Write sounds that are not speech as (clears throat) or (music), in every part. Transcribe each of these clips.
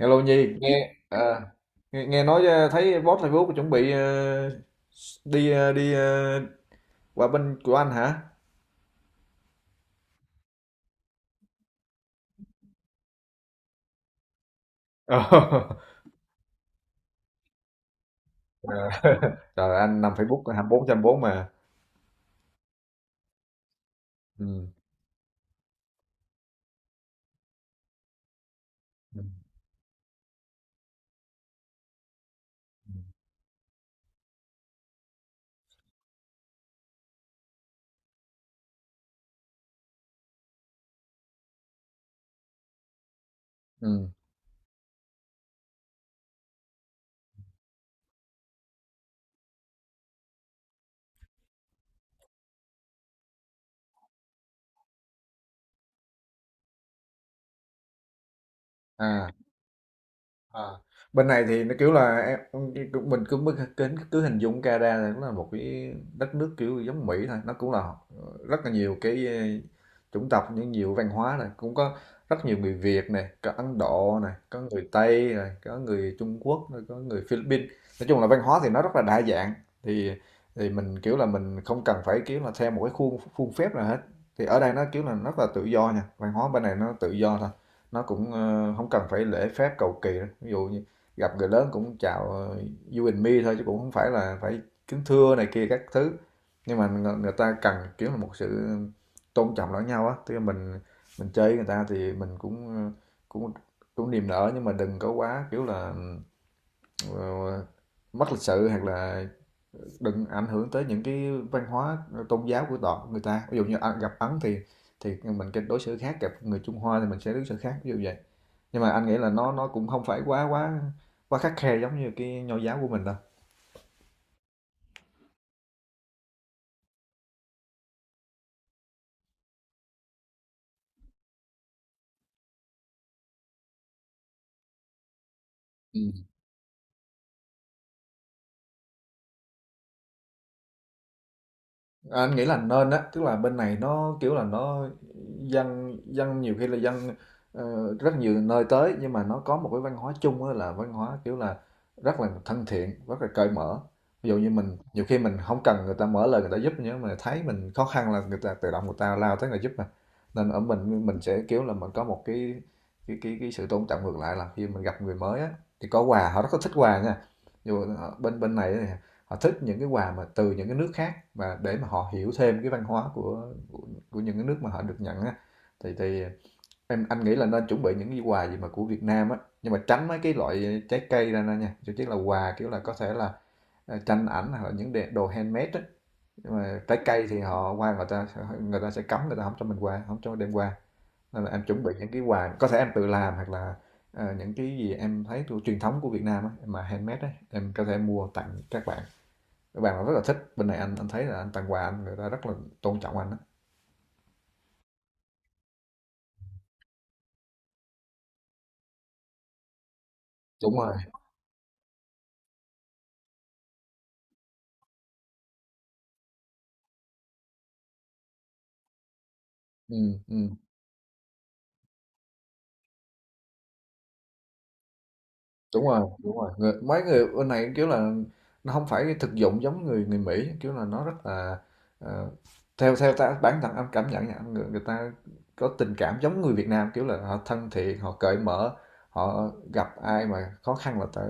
Hello Nhi, nghe à, nghe nói thấy boss Facebook chuẩn bị đi qua bên của anh hả? Ờ. (laughs) À, Trời anh nằm Facebook 24/24 mà. Ừ. Ừ. Ừ. À. À, bên này thì nó kiểu là mình cứ cứ cứ hình dung Canada là nó là một cái đất nước kiểu giống Mỹ thôi, nó cũng là rất là nhiều cái chủng tộc, những nhiều văn hóa này cũng có, rất nhiều người Việt này, có Ấn Độ này, có người Tây này, có người Trung Quốc, rồi có người Philippines. Nói chung là văn hóa thì nó rất là đa dạng. Thì thì mình kiểu là mình không cần phải kiểu là theo một cái khuôn khuôn phép nào hết. Thì ở đây nó kiểu là rất là tự do nha, văn hóa bên này nó tự do thôi. Nó cũng, hổng cần phải lễ phép cầu kỳ đâu. Ví dụ như gặp người lớn cũng chào, "You and me" thôi, chứ cũng không phải là phải kính thưa này kia các thứ. Nhưng mà người người ta cần, kiểu là, một sự tôn trọng lẫn nhau á, tức là mình chơi người ta thì mình cũng, ờ, cũng cũng niềm nở, nhưng mà đừng có quá, kiểu là, ờ, mất lịch sự, hoặc là đừng ảnh hưởng tới những cái văn hóa, tôn giáo của người ta. Ví dụ như, à, gặp Ấn thì mình cách đối xử khác, gặp người Trung Hoa thì mình sẽ đối xử khác, ví dụ vậy. Nhưng mà anh nghĩ là nó cũng không phải quá quá quá khắt khe giống như cái nho giáo của mình đâu. Ừ. À, anh nghĩ là nên á, tức là bên này nó kiểu là nó dân dân nhiều khi là dân rất nhiều nơi tới, nhưng mà nó có một cái văn hóa chung á, là văn hóa kiểu là rất là thân thiện, rất là cởi mở. Ví dụ như mình nhiều khi mình không cần người ta mở lời người ta giúp, nhưng mà thấy mình khó khăn là người ta tự động người ta lao tới người giúp mà. Nên ở mình sẽ kiểu là mình có một cái sự tôn trọng ngược lại, là khi mình gặp người mới á thì có quà họ rất là thích quà nha, dù ở bên bên này họ thích những cái quà mà từ những cái nước khác, và để mà họ hiểu thêm cái văn hóa của những cái nước mà họ được nhận á. Thì anh nghĩ là nên chuẩn bị những cái quà gì mà của Việt Nam á, nhưng mà tránh mấy cái loại trái cây ra nè nha. Chứ chắc là quà kiểu là có thể là, à, tranh ảnh, hoặc là những đồ handmade á. Nhưng mà trái cây thì họ qua, người ta sẽ cấm, người ta không cho mình qua, không cho đem qua. Nên là em chuẩn bị những cái quà có thể em tự làm, hoặc là những cái gì em thấy thuộc truyền thống của Việt Nam á mà handmade á, em có thể mua tặng các bạn. Các bạn rất là thích. Bên này anh thấy là anh tặng quà anh, người ta rất là tôn trọng anh á. Đúng rồi, ừm. Đúng rồi, đúng rồi, mấy người bên này kiểu là nó không phải thực dụng giống người người Mỹ, kiểu là nó rất là ờ, theo theo ta bản thân anh cảm nhận nha, người ta có tình cảm giống người Việt Nam, kiểu là họ thân thiện, họ cởi mở. Họ gặp ai mà khó khăn là ta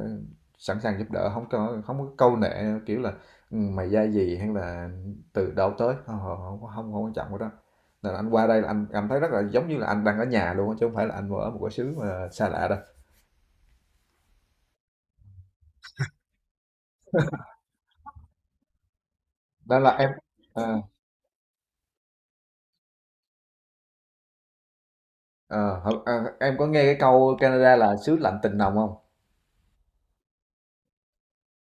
sẵn sàng giúp đỡ, không có câu nệ kiểu là, "Ừ, mày ra gì hay là từ đâu tới không," không không, quan trọng cái đó. Nên anh qua đây là anh cảm thấy rất là giống như là anh đang ở nhà luôn á, chứ không phải là anh ở một cái xứ mà xa lạ đâu. Đó là em, à. Ờ, hổng à, em có nghe cái câu Canada là xứ lạnh tình nồng không?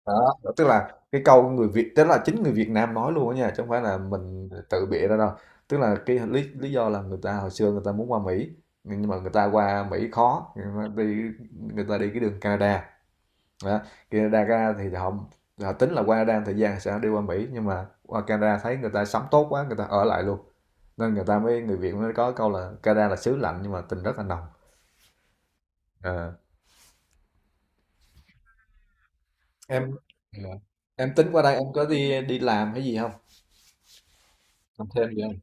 Đó, tức là cái câu người Việt, tức là chính người Việt Nam nói luôn á nha, chứ không phải là mình tự bịa ra đâu. Tức là cái lý lý do là người ta hồi xưa người ta muốn qua Mỹ, nhưng mà người ta qua Mỹ khó, ta đi người ta đi cái đường Canada. Đó, Canada ra thì họ họ tính là qua Canada một thời gian sẽ đi qua Mỹ, nhưng mà qua Canada thấy người ta sống tốt quá, người ta ở lại luôn. Nên người Việt mới có câu là Canada là xứ lạnh nhưng mà tình rất là nồng. Ờ. em Ừ. Em tính qua đây em có đi đi làm hay gì không, làm thêm gì không?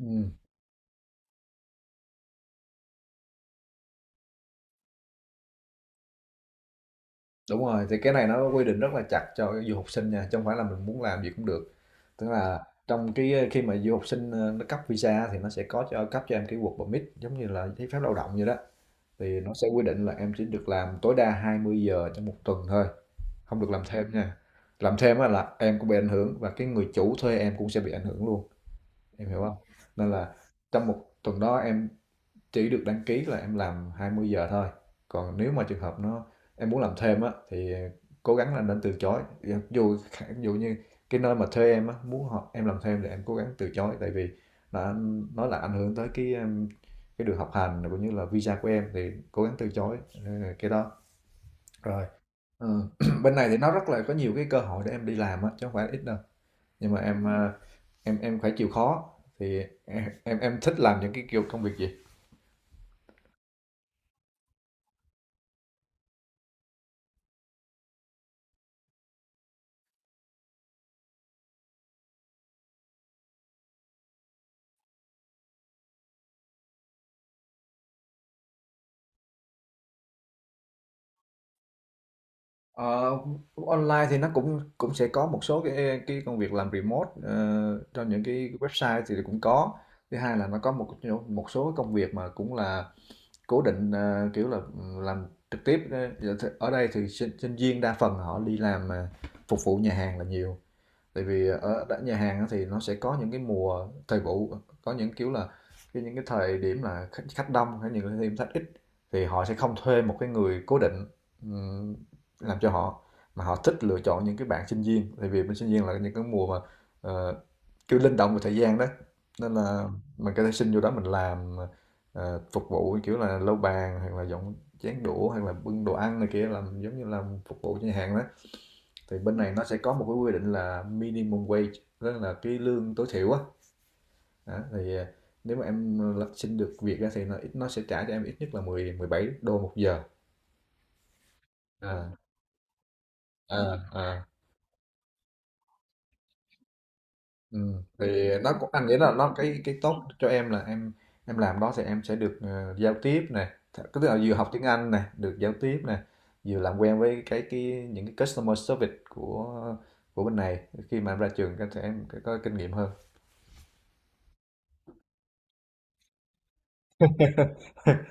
Ừ. Đúng rồi, thì cái này nó quy định rất là chặt cho du học sinh nha, chứ không phải là mình muốn làm gì cũng được. Tức là trong cái khi mà du học sinh nó cấp visa thì nó sẽ có cấp cho em cái work permit giống như là giấy phép lao động vậy đó. Thì nó sẽ quy định là em chỉ được làm tối đa 20 giờ trong một tuần thôi, không được làm thêm nha. Làm thêm á là em cũng bị ảnh hưởng, và cái người chủ thuê em cũng sẽ bị ảnh hưởng luôn, em hiểu không? Nên là trong một tuần đó em chỉ được đăng ký là em làm 20 giờ thôi. Còn nếu mà trường hợp nó em muốn làm thêm á, thì cố gắng là nên từ chối. Dù dù như cái nơi mà thuê em á muốn em làm thêm, thì em cố gắng từ chối, tại vì là nó là ảnh hưởng tới cái đường học hành, cũng như là visa của em, thì cố gắng từ chối. ờ, cái đó rồi. Ừ. (clears throat) (laughs) Bên này thì nó rất là có nhiều cái cơ hội để em đi làm á, chứ không phải ít đâu, nhưng mà em phải chịu khó. Thì em thích làm những cái kiểu công việc gì? Ờ, online thì nó cũng cũng sẽ có một số cái công việc làm remote cho những cái website thì cũng có. Thứ hai là nó có một một số công việc mà cũng là cố định, kiểu là làm trực tiếp. Ờ, ở đây thì sinh viên đa phần họ đi làm phục vụ nhà hàng là nhiều, tại vì ở nhà hàng thì nó sẽ có những cái mùa thời vụ, có những kiểu là những cái thời điểm là khách khách đông hay những cái thời điểm khách ít, thì họ sẽ không thuê một cái người cố định, ừm, làm cho họ, mà họ thích lựa chọn những cái bạn sinh viên, tại vì bên sinh viên là những cái mùa mà, ờ, kiểu linh động về thời gian đó. Nên là mình có thể xin vô đó mình làm, phục vụ kiểu là lau bàn hoặc là dọn chén đũa hoặc là bưng đồ ăn này kia, làm giống như làm phục vụ cho nhà hàng đó. Thì bên này nó sẽ có một cái quy định là minimum wage, tức là cái lương tối thiểu á, thì nếu mà xin được việc á, thì nó ít, nó sẽ trả cho em ít nhất là mười 17 đô một giờ. À, à, à. Ừ. Thì nó cũng, anh nghĩ là nó cái tốt cho em, là em làm đó thì em sẽ được giao tiếp nè. Tức là vừa học tiếng Anh nè, được giao tiếp nè, vừa làm quen với cái những cái customer service của bên này. Khi mà em ra trường sẽ có kinh nghiệm hơn. (laughs)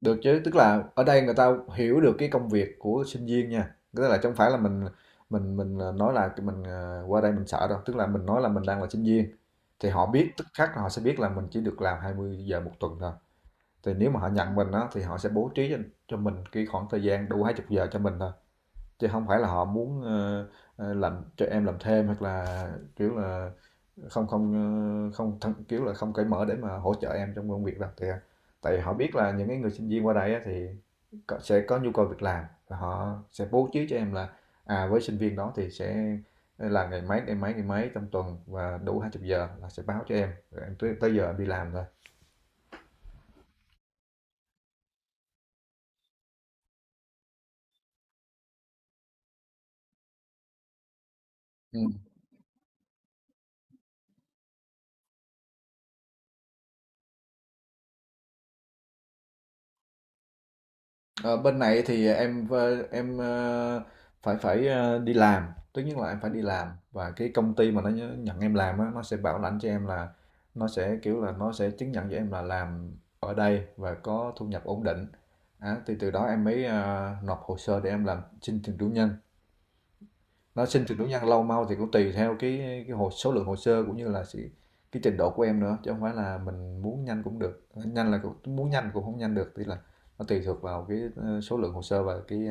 Được chứ, tức là ở đây người ta hiểu được cái công việc của sinh viên nha. Tức là chứ không phải là mình, nói là mình qua đây mình sợ đâu, tức là mình nói là mình đang là sinh viên, thì họ biết tức khắc là họ sẽ biết là mình chỉ được làm 20 giờ một tuần thôi. Thì nếu mà họ nhận mình á thì họ sẽ bố trí cho mình cái khoảng thời gian đủ 20 giờ cho mình thôi chứ không phải là họ muốn làm cho em làm thêm hoặc là kiểu là không không không thân, kiểu là không cởi mở để mà hỗ trợ em trong công việc đâu. Thì tại vì họ biết là những cái người sinh viên qua đây á, thì sẽ có nhu cầu việc làm và họ sẽ bố trí cho em là à với sinh viên đó thì sẽ là ngày mấy trong tuần và đủ 20 giờ là sẽ báo cho em rồi em tới giờ em đi làm thôi. Ừ. Ờ, bên này thì em ờ, phải phải ờ, đi làm, tất nhiên là em phải đi làm và cái công ty mà nhận em làm á, nó sẽ bảo lãnh cho em là nó sẽ kiểu là nó sẽ chứng nhận cho em là làm ở đây và có thu nhập ổn định. Á, thì từ đó em mới nộp hồ sơ để em làm xin thường trú nhân. Nó xin trường trú nhân lâu mau thì cũng tùy theo cái hồ số lượng hồ sơ cũng như là sự cái trình độ của em nữa, chứ không phải là mình muốn nhanh cũng được nhanh là cũng muốn nhanh cũng không nhanh được. Tức là nó tùy thuộc vào cái số lượng hồ sơ và cái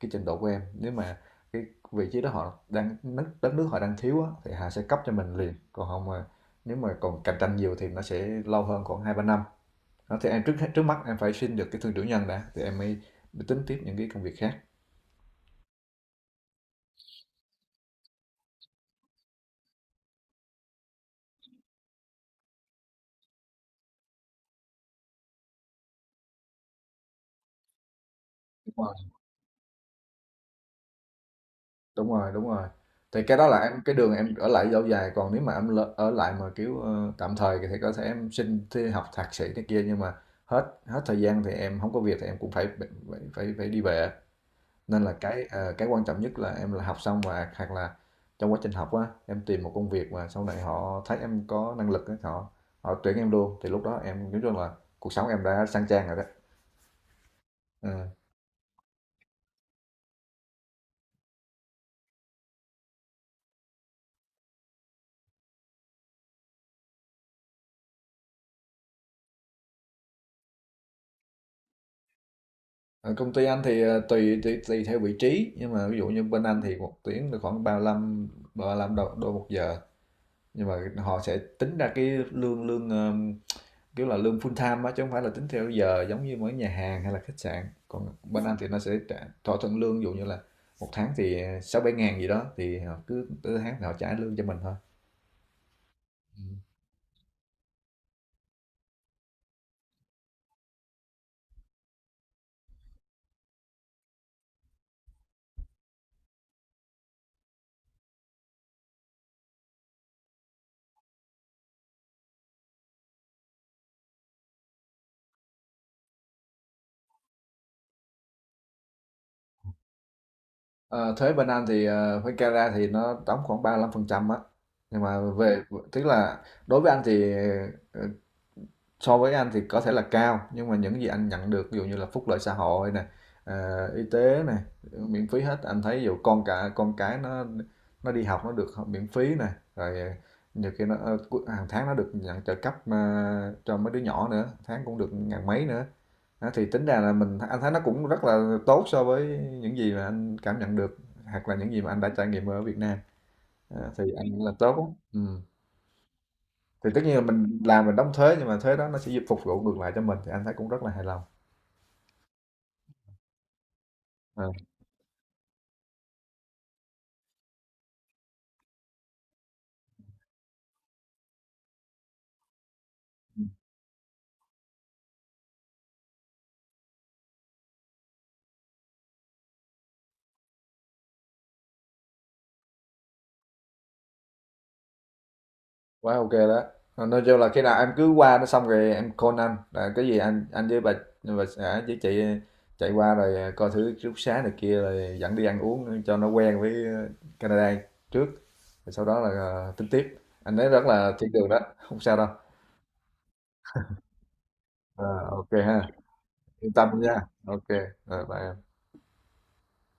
cái trình độ của em. Nếu mà cái vị trí đó họ đang đất đất nước họ đang thiếu á, thì họ sẽ cấp cho mình liền, còn không mà nếu mà còn cạnh tranh nhiều thì nó sẽ lâu hơn khoảng hai ba năm. Đó, thì em trước trước mắt em phải xin được cái thương trưởng nhân đã thì em mới tính tiếp những cái công việc khác. Đúng rồi, đúng rồi, thì cái đó là em cái đường em ở lại lâu dài. Còn nếu mà ở lại mà kiểu tạm thời thì có thể em xin thi học thạc sĩ này kia, nhưng mà hết hết thời gian thì em không có việc thì em cũng phải đi về. Nên là cái quan trọng nhất là em là học xong, và hoặc là trong quá trình học á em tìm một công việc mà sau này họ thấy em có năng lực á, họ họ tuyển em luôn, thì lúc đó em nói chung là cuộc sống em đã sang trang rồi đó. Ừ. Ở công ty anh thì ờ, tùy, tùy tùy theo vị trí, nhưng mà ví dụ như bên anh thì một tiếng được khoảng ba lăm ba 35 đô một giờ, nhưng mà họ sẽ tính ra cái lương lương kiểu là lương full time á chứ không phải là tính theo giờ giống như mấy nhà hàng hay là khách sạn. Còn bên anh thì nó sẽ trả, thỏa thuận lương ví dụ như là một tháng thì sáu bảy ngàn gì đó, thì họ cứ tới tháng thì họ trả lương cho mình thôi. Ừ. Ờ, thuế bên Anh thì với Canada thì nó đóng khoảng 35% á, nhưng mà về tức là đối với anh thì ờ, so với anh thì có thể là cao, nhưng mà những gì anh nhận được ví dụ như là phúc lợi xã hội này, y tế này miễn phí hết. Anh thấy ví dụ con cái nó đi học nó được miễn phí này, rồi nhiều khi nó hàng tháng nó được nhận trợ cấp mà cho mấy đứa nhỏ nữa, tháng cũng được ngàn mấy nữa. Đó, thì tính ra là mình anh thấy nó cũng rất là tốt so với những gì mà anh cảm nhận được hoặc là những gì mà anh đã trải nghiệm ở Việt Nam. Đó, thì anh là tốt. Ừ, thì tất nhiên là mình làm mình đóng thuế, nhưng mà thuế đó nó sẽ giúp phục vụ ngược lại cho mình, thì anh thấy cũng rất là hài lòng. À, quá ok đó. Ờ, nói chung là khi nào em cứ qua nó xong rồi em call anh, là cái gì anh với bà xã với chị chạy qua rồi coi thử ký túc xá này kia rồi dẫn đi ăn uống cho nó quen với Canada trước, rồi sau đó là tính tiếp. Anh thấy rất là thiên đường đó, không sao đâu. Ờ, ok ha, yên tâm nha. Ok, rồi bye em.